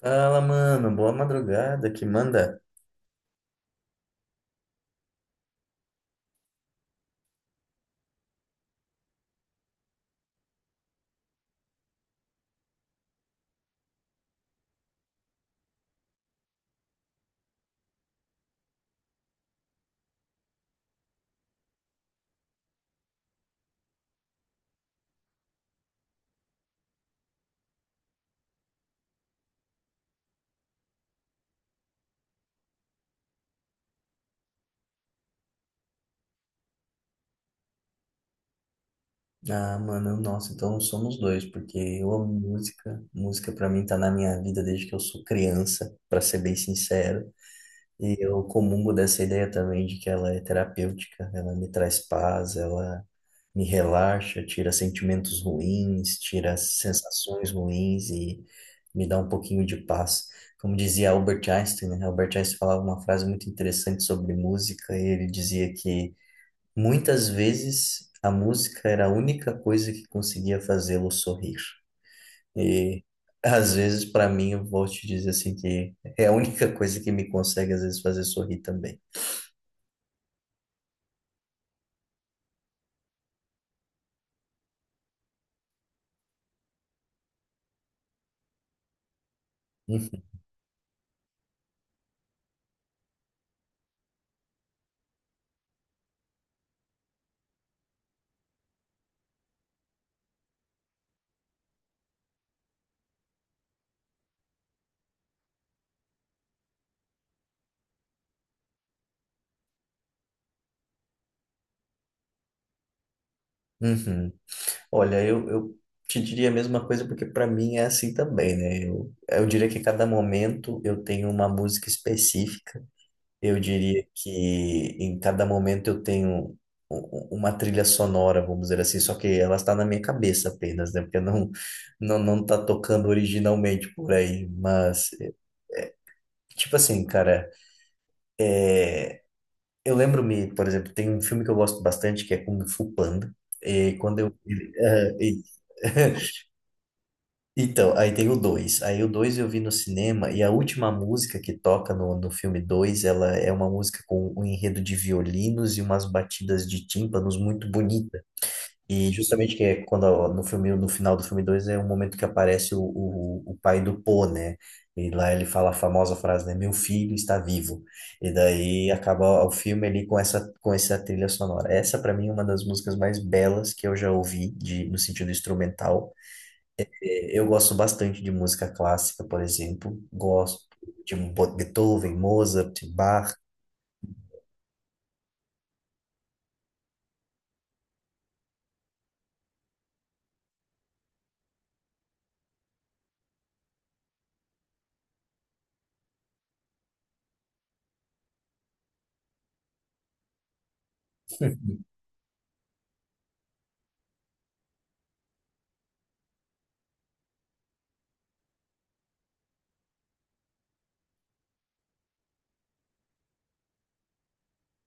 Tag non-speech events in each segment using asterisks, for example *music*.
Fala, mano, boa madrugada, que manda? Ah, mano, nossa, então somos dois, porque eu amo música. Música pra mim tá na minha vida desde que eu sou criança, pra ser bem sincero. E eu comungo dessa ideia também de que ela é terapêutica, ela me traz paz, ela me relaxa, tira sentimentos ruins, tira sensações ruins e me dá um pouquinho de paz. Como dizia Albert Einstein, né? Albert Einstein falava uma frase muito interessante sobre música, e ele dizia que muitas vezes a música era a única coisa que conseguia fazê-lo sorrir. E às vezes, para mim, eu vou te dizer assim que é a única coisa que me consegue às vezes fazer sorrir também. Uhum. Uhum. Olha, eu te diria a mesma coisa porque para mim é assim também, né? Eu diria que cada momento eu tenho uma música específica. Eu diria que em cada momento eu tenho u- uma trilha sonora, vamos dizer assim, só que ela está na minha cabeça apenas, né? Porque não tá tocando originalmente por aí, mas tipo assim, cara, eu lembro-me, por exemplo, tem um filme que eu gosto bastante que é Kung Fu Panda. E quando eh, e- *laughs* então, aí tem o dois. Aí o 2 eu vi no cinema e a última música que toca no filme dois, ela é uma música com um enredo de violinos e umas batidas de tímpanos muito bonita. E justamente que é quando ó, no filme, no final do filme 2 é o momento que aparece o pai do Po, né? E lá ele fala a famosa frase, né? Meu filho está vivo. E daí acaba o filme ali com essa trilha sonora. Essa, para mim, é uma das músicas mais belas que eu já ouvi, de, no sentido instrumental. Eu gosto bastante de música clássica, por exemplo. Gosto de Beethoven, Mozart, Bach.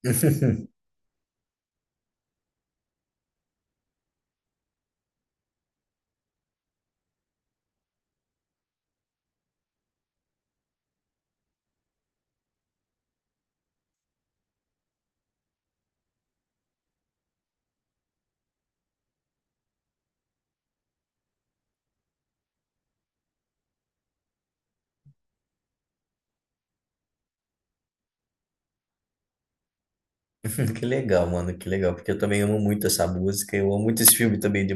*laughs* Que legal, mano, que legal, porque eu também amo muito essa música, eu amo muito esse filme também. De...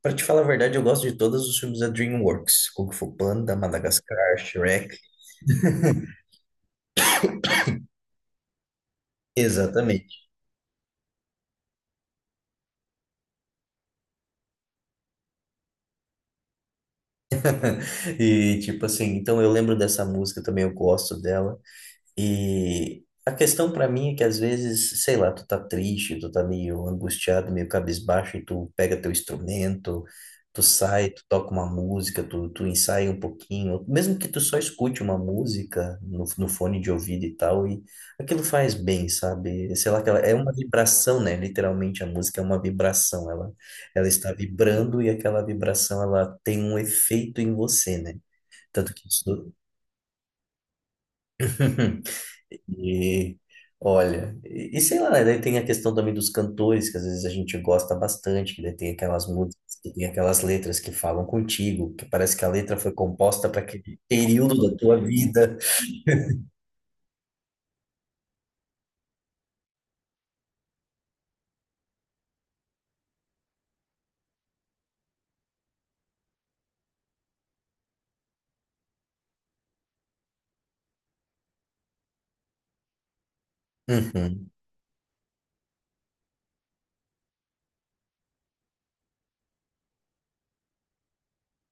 Pra te falar a verdade, eu gosto de todos os filmes da DreamWorks, Kung Fu Panda, Madagascar, Shrek. Exatamente. *laughs* E tipo assim, então eu lembro dessa música também, eu gosto dela. E a questão pra mim é que às vezes, sei lá, tu tá triste, tu tá meio angustiado, meio cabisbaixo, e tu pega teu instrumento, tu sai, tu toca uma música, tu, tu ensaia um pouquinho, mesmo que tu só escute uma música no fone de ouvido e tal, e aquilo faz bem, sabe? Sei lá, aquela, é uma vibração, né? Literalmente a música é uma vibração, ela está vibrando e aquela vibração, ela tem um efeito em você, né? Tanto que *laughs* e olha, e sei lá, né, daí tem a questão também dos cantores, que às vezes a gente gosta bastante, que daí tem aquelas músicas, que tem aquelas letras que falam contigo, que parece que a letra foi composta para aquele período da tua vida. Uhum,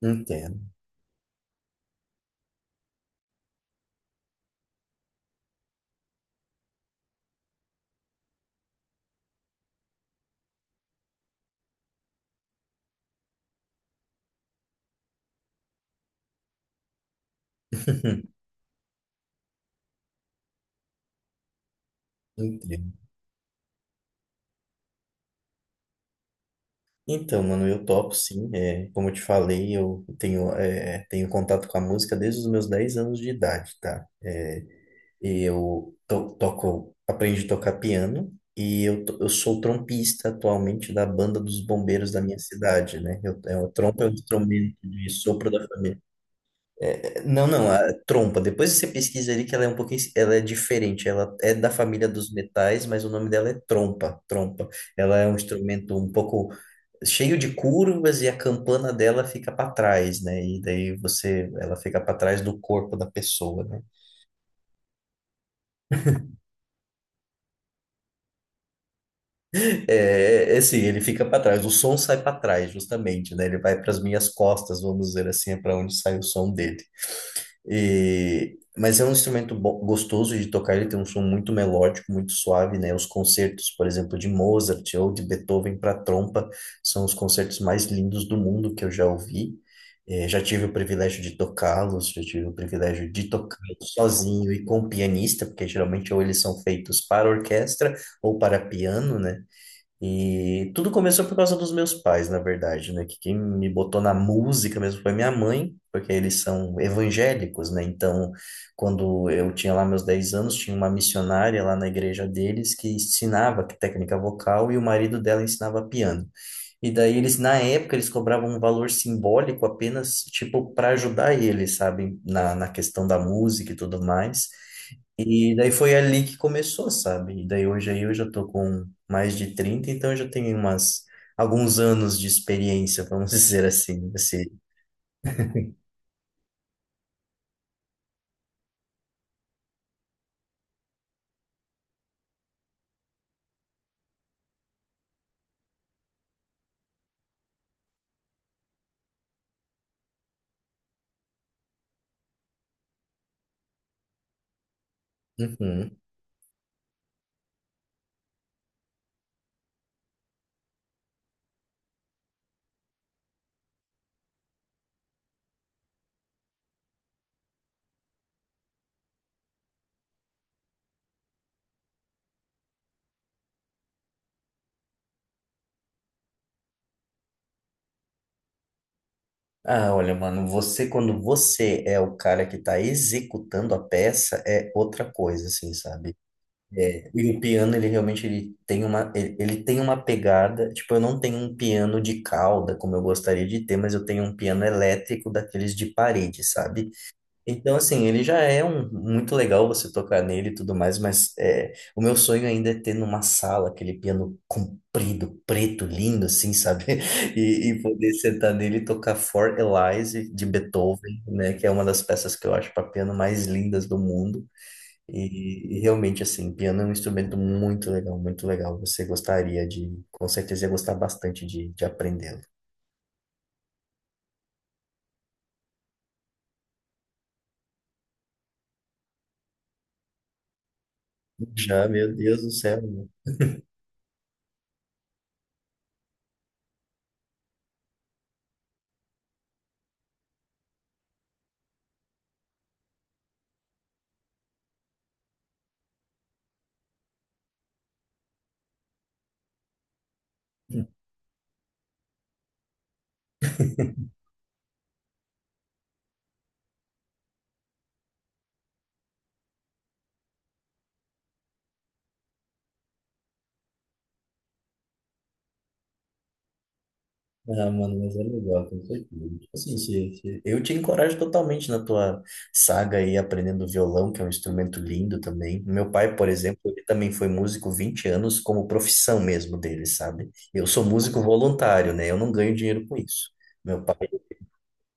entendo. *laughs* Entendo. Então, mano, eu topo sim. Como eu te falei, eu tenho, tenho contato com a música desde os meus 10 anos de idade, tá? Eu to toco, aprendi a tocar piano e eu sou trompista atualmente da banda dos bombeiros da minha cidade, né? O trompa é um instrumento de sopro da família. Não, não, a trompa. Depois você pesquisa ali que ela é um pouquinho, ela é diferente. Ela é da família dos metais, mas o nome dela é trompa. Ela é um instrumento um pouco cheio de curvas e a campana dela fica para trás, né? E daí você, ela fica para trás do corpo da pessoa, né? É, é assim, ele fica para trás, o som sai para trás, justamente, né? Ele vai para as minhas costas, vamos dizer assim, é para onde sai o som dele. E, mas é um instrumento gostoso de tocar, ele tem um som muito melódico, muito suave, né? Os concertos, por exemplo, de Mozart ou de Beethoven para trompa, são os concertos mais lindos do mundo que eu já ouvi. Já tive o privilégio de tocá-los, já tive o privilégio de tocá-los sozinho e com pianista, porque geralmente ou eles são feitos para orquestra ou para piano, né? E tudo começou por causa dos meus pais, na verdade, né? Que quem me botou na música mesmo foi minha mãe, porque eles são evangélicos, né? Então, quando eu tinha lá meus 10 anos, tinha uma missionária lá na igreja deles que ensinava técnica vocal e o marido dela ensinava piano. E daí eles, na época, eles cobravam um valor simbólico apenas, tipo, para ajudar eles, sabe? Na questão da música e tudo mais. E daí foi ali que começou, sabe? E daí hoje aí eu já tô com mais de 30, então eu já tenho alguns anos de experiência, vamos *laughs* dizer assim, nesse. Uhum. Ah, olha, mano, quando você é o cara que tá executando a peça, é outra coisa, assim, sabe? É, e o piano, ele realmente ele tem ele tem uma pegada. Tipo, eu não tenho um piano de cauda, como eu gostaria de ter, mas eu tenho um piano elétrico daqueles de parede, sabe? Então, assim, ele já é um, muito legal você tocar nele e tudo mais, mas o meu sonho ainda é ter numa sala aquele piano comprido, preto, lindo, assim, sabe? *laughs* E, e poder sentar nele e tocar For Elise de Beethoven, né? Que é uma das peças que eu acho para piano mais lindas do mundo. E realmente, assim, piano é um instrumento muito legal, muito legal. Você gostaria de, com certeza, ia gostar bastante de aprendê-lo. Já, meu Deus do céu, né? Ah, mano, mas é legal, com certeza. Tipo assim, eu te encorajo totalmente na tua saga aí aprendendo violão, que é um instrumento lindo também. Meu pai, por exemplo, ele também foi músico 20 anos como profissão mesmo dele, sabe? Eu sou músico voluntário, né? Eu não ganho dinheiro com isso. Meu pai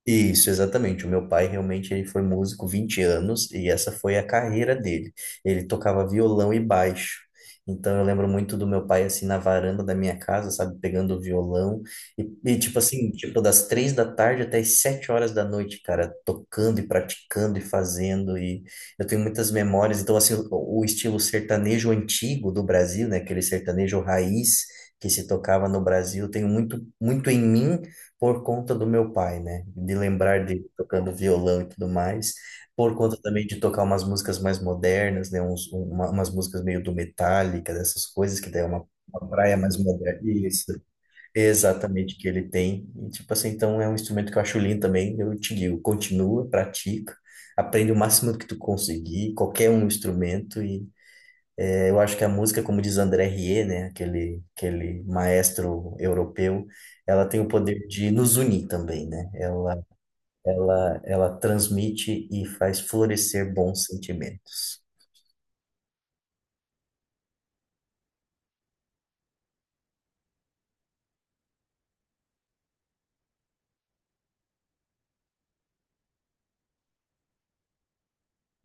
Isso, exatamente. O meu pai realmente ele foi músico 20 anos e essa foi a carreira dele. Ele tocava violão e baixo. Então eu lembro muito do meu pai assim na varanda da minha casa, sabe, pegando o violão e, tipo assim, tipo das 3 da tarde até as 7 horas da noite, cara, tocando e praticando e fazendo e eu tenho muitas memórias. Então assim, o estilo sertanejo antigo do Brasil, né, aquele sertanejo raiz que se tocava no Brasil, eu tenho muito em mim por conta do meu pai, né? De lembrar de tocando violão e tudo mais, por conta também de tocar umas músicas mais modernas, né? Umas músicas meio do Metallica, dessas coisas, que daí é uma praia mais moderna. Isso, exatamente, que ele tem. E, tipo assim, então é um instrumento que eu acho lindo também, eu te digo, continua, pratica, aprende o máximo que tu conseguir, qualquer um instrumento. Eu acho que a música, como diz André Rieu, né, aquele maestro europeu, ela tem o poder de nos unir também, né? Ela transmite e faz florescer bons sentimentos.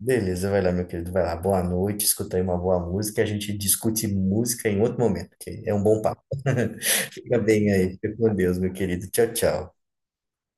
Beleza, vai lá, meu querido, vai lá. Boa noite, escuta aí uma boa música. A gente discute música em outro momento, que é um bom papo. *laughs* Fica bem aí, fica com Deus, meu querido. Tchau, tchau.